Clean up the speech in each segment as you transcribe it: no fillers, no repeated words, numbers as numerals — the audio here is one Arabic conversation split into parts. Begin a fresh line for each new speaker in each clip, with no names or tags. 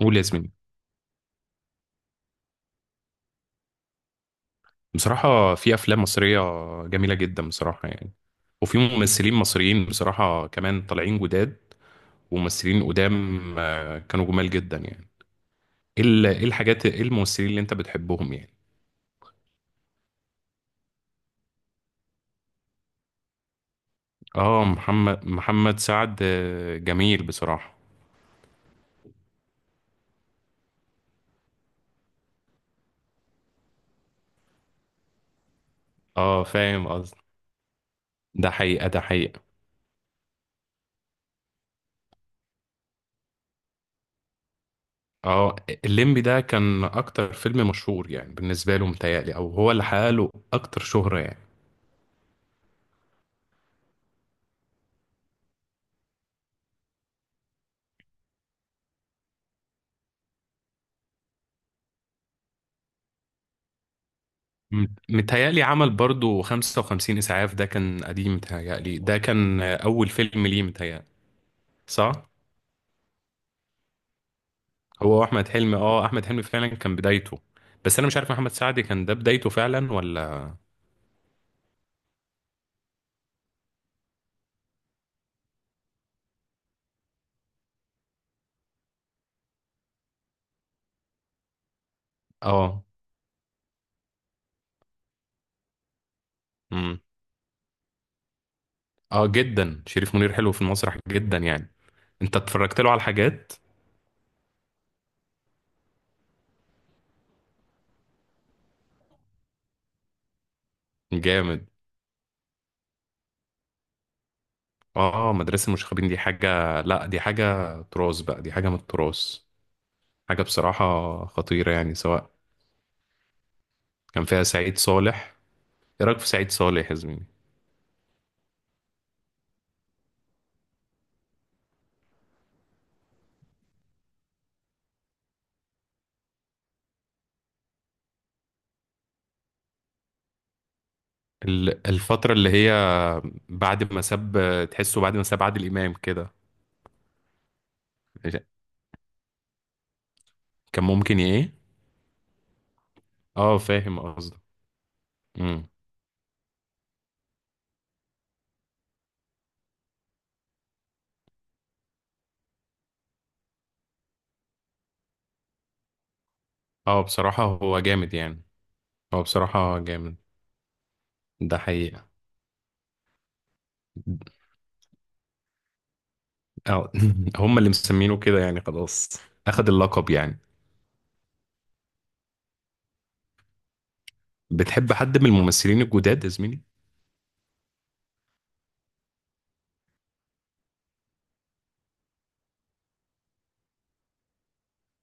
قول يا زميلي. بصراحة في أفلام مصرية جميلة جدا بصراحة يعني، وفي ممثلين مصريين بصراحة كمان طالعين جداد، وممثلين قدام. آه، كانوا جمال جدا يعني. إيه إيه الحاجات، إيه الممثلين اللي أنت بتحبهم يعني؟ آه، محمد سعد، آه، جميل بصراحة. آه، فاهم قصدي. ده حقيقة، ده حقيقة. آه، الليمبي ده كان أكتر فيلم مشهور يعني بالنسبة له متهيألي، أو هو اللي حقق له أكتر شهرة يعني. متهيألي عمل برضو 55 إسعاف، ده كان قديم متهيألي، ده كان أول فيلم ليه متهيألي. صح؟ هو أحمد حلمي، أحمد حلمي فعلا كان بدايته. بس أنا مش عارف محمد سعد كان ده بدايته فعلا ولا. اه. امم. اه، جدا شريف منير حلو في المسرح جدا يعني. أنت اتفرجت له على حاجات؟ جامد. اه، مدرسة المشاغبين دي حاجة، لا دي حاجة تراث بقى، دي حاجة من التراث، حاجة بصراحة خطيرة يعني، سواء كان فيها سعيد صالح. إيه رأيك في سعيد صالح يا زميلي؟ الفترة اللي هي بعد ما ساب، تحسه بعد ما ساب عادل إمام كده. كان ممكن ايه؟ اه، فاهم قصدك. امم. اه، بصراحة هو جامد يعني. هو بصراحة جامد. ده حقيقة. اه، هم اللي مسمينه كده يعني خلاص. اخد اللقب يعني. بتحب حد من الممثلين الجداد يا زميلي؟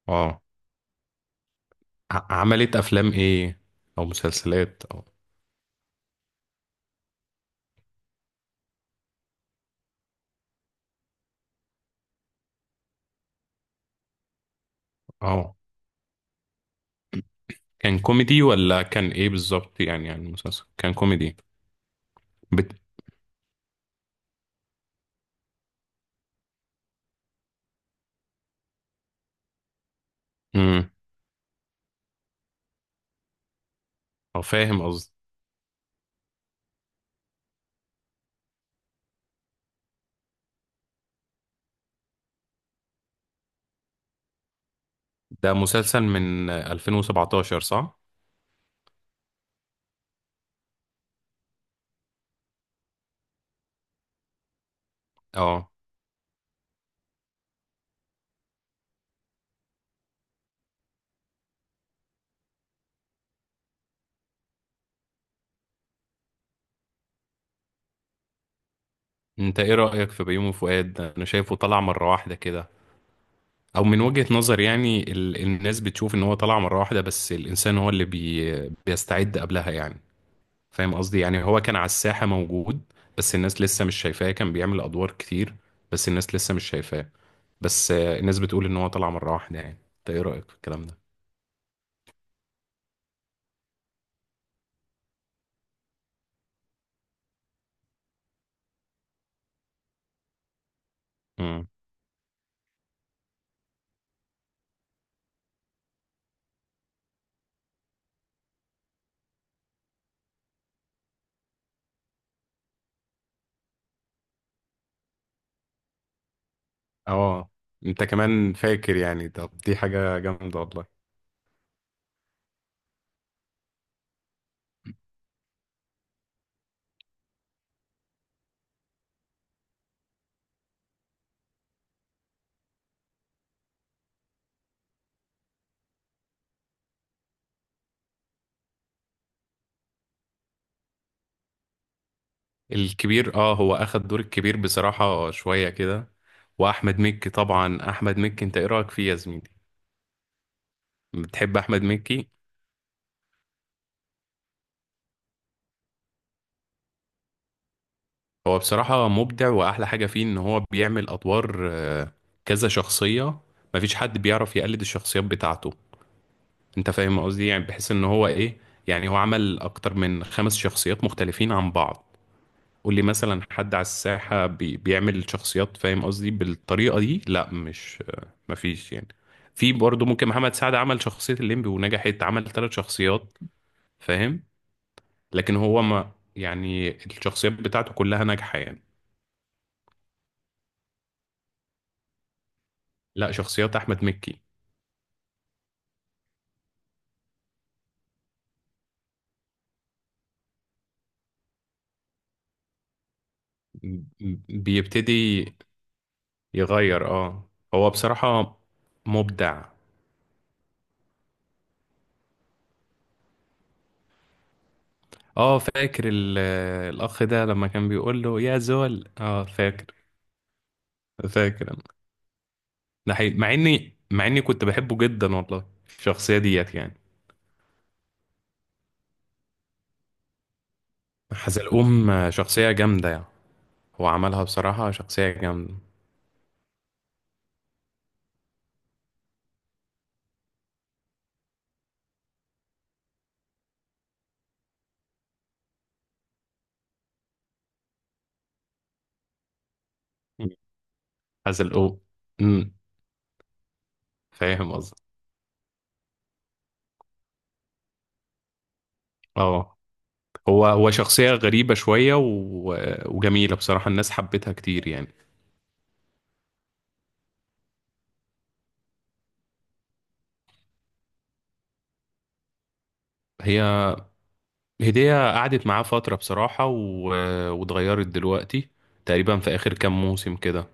اه. عملت افلام ايه، او مسلسلات او. اه. كان كوميدي ولا كان ايه بالظبط يعني مسلسل كان كوميدي. بت... امم. اه، فاهم قصدي. ده مسلسل من 2017 صح؟ اه. انت ايه رأيك في بيومي فؤاد؟ انا شايفه طلع مرة واحدة كده، او من وجهة نظر يعني، الناس بتشوف ان هو طلع مرة واحدة، بس الانسان هو اللي بيستعد قبلها يعني. فاهم قصدي؟ يعني هو كان على الساحة موجود، بس الناس لسه مش شايفاه، كان بيعمل ادوار كتير، بس الناس لسه مش شايفاه. بس الناس بتقول ان هو طلع مرة واحدة يعني. انت ايه رأيك في الكلام ده؟ امم. اه، انت كمان فاكر يعني. طب دي حاجة جامدة والله. الكبير، هو اخد دور الكبير بصراحة شوية كده. واحمد مكي طبعا، احمد مكي انت ايه رأيك فيه يا زميلي؟ بتحب احمد مكي؟ هو بصراحة مبدع، واحلى حاجة فيه ان هو بيعمل ادوار، كذا شخصية. مفيش حد بيعرف يقلد الشخصيات بتاعته. انت فاهم قصدي، يعني بحيث ان هو ايه، يعني هو عمل اكتر من خمس شخصيات مختلفين عن بعض، واللي مثلا حد على الساحة بيعمل شخصيات فاهم قصدي بالطريقة دي، لا مش، مفيش يعني. في برضه ممكن محمد سعد عمل شخصية الليمبي ونجحت، عمل ثلاث شخصيات. فاهم. لكن هو ما يعني الشخصيات بتاعته كلها ناجحة يعني. لا، شخصيات أحمد مكي. بيبتدي يغير اه هو بصراحة مبدع. اه، فاكر الأخ ده لما كان بيقول له يا زول، اه، فاكر. فاكر. ده حقيقي، مع اني، مع اني كنت بحبه جدا والله. الشخصية ديت يعني. حزلقوم، شخصية جامدة يعني. هو عملها بصراحة شخصية جامدة. مم. حزلقوم. امم. فاهم قصدي. اه. هو شخصية غريبة شوية و... وجميلة بصراحة، الناس حبتها كتير يعني. هي. هدية قعدت معاه فترة بصراحة، و... واتغيرت دلوقتي تقريبا في آخر كام موسم كده.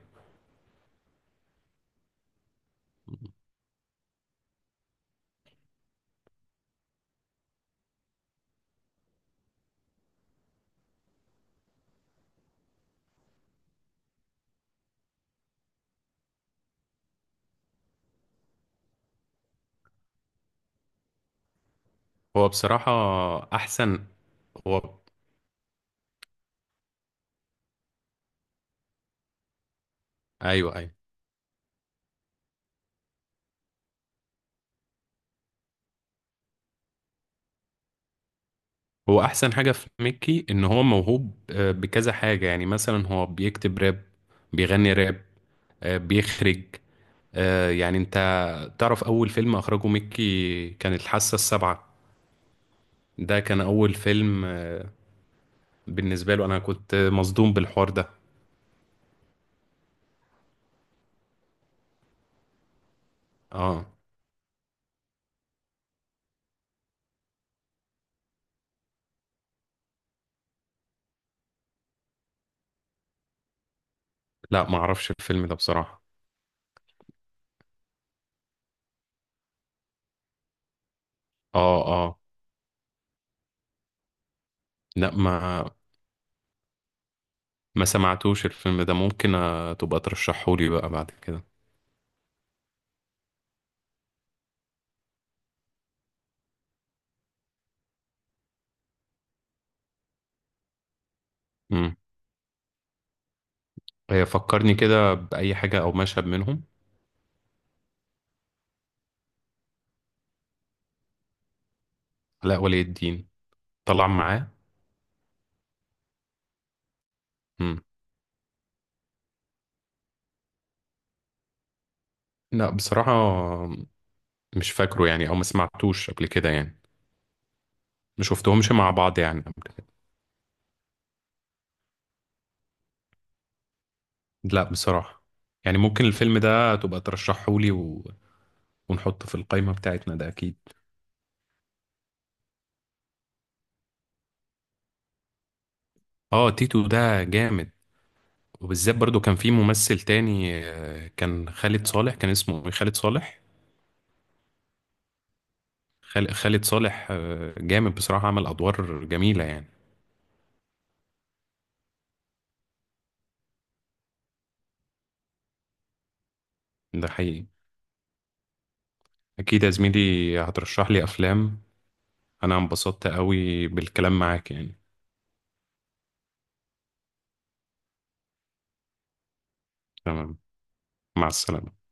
هو بصراحة أحسن. هو. أيوه، أيوه. هو احسن حاجه في ميكي ان هو موهوب، بكذا حاجه يعني، مثلا هو بيكتب راب، بيغني راب، بيخرج، يعني انت تعرف اول فيلم اخرجه ميكي كان الحاسه السابعه. ده كان اول فيلم. بالنسبه له انا كنت مصدوم بالحوار ده. اه. لا، ما اعرفش الفيلم ده بصراحه. اه، اه. لا، ما سمعتوش الفيلم ده. ممكن تبقى ترشحهولي بقى بعد كده. امم. فكرني كده باي حاجه او مشهد منهم. لا، ولي الدين. طلع معاه. مم. لا، بصراحة. مش فاكره يعني، او ما سمعتوش قبل كده يعني. ما شفتهمش مع بعض يعني قبل كده. لا، بصراحة. يعني ممكن الفيلم ده تبقى ترشحهولي و... ونحطه في القائمة بتاعتنا ده اكيد. اه، تيتو ده جامد. وبالذات برضو كان في ممثل تاني، كان خالد صالح. كان اسمه إيه؟ خالد صالح. خالد صالح، جامد بصراحة، عمل ادوار جميلة يعني. ده حقيقي. اكيد يا زميلي هترشح لي افلام. انا انبسطت قوي بالكلام معاك يعني. تمام. مع السلامة.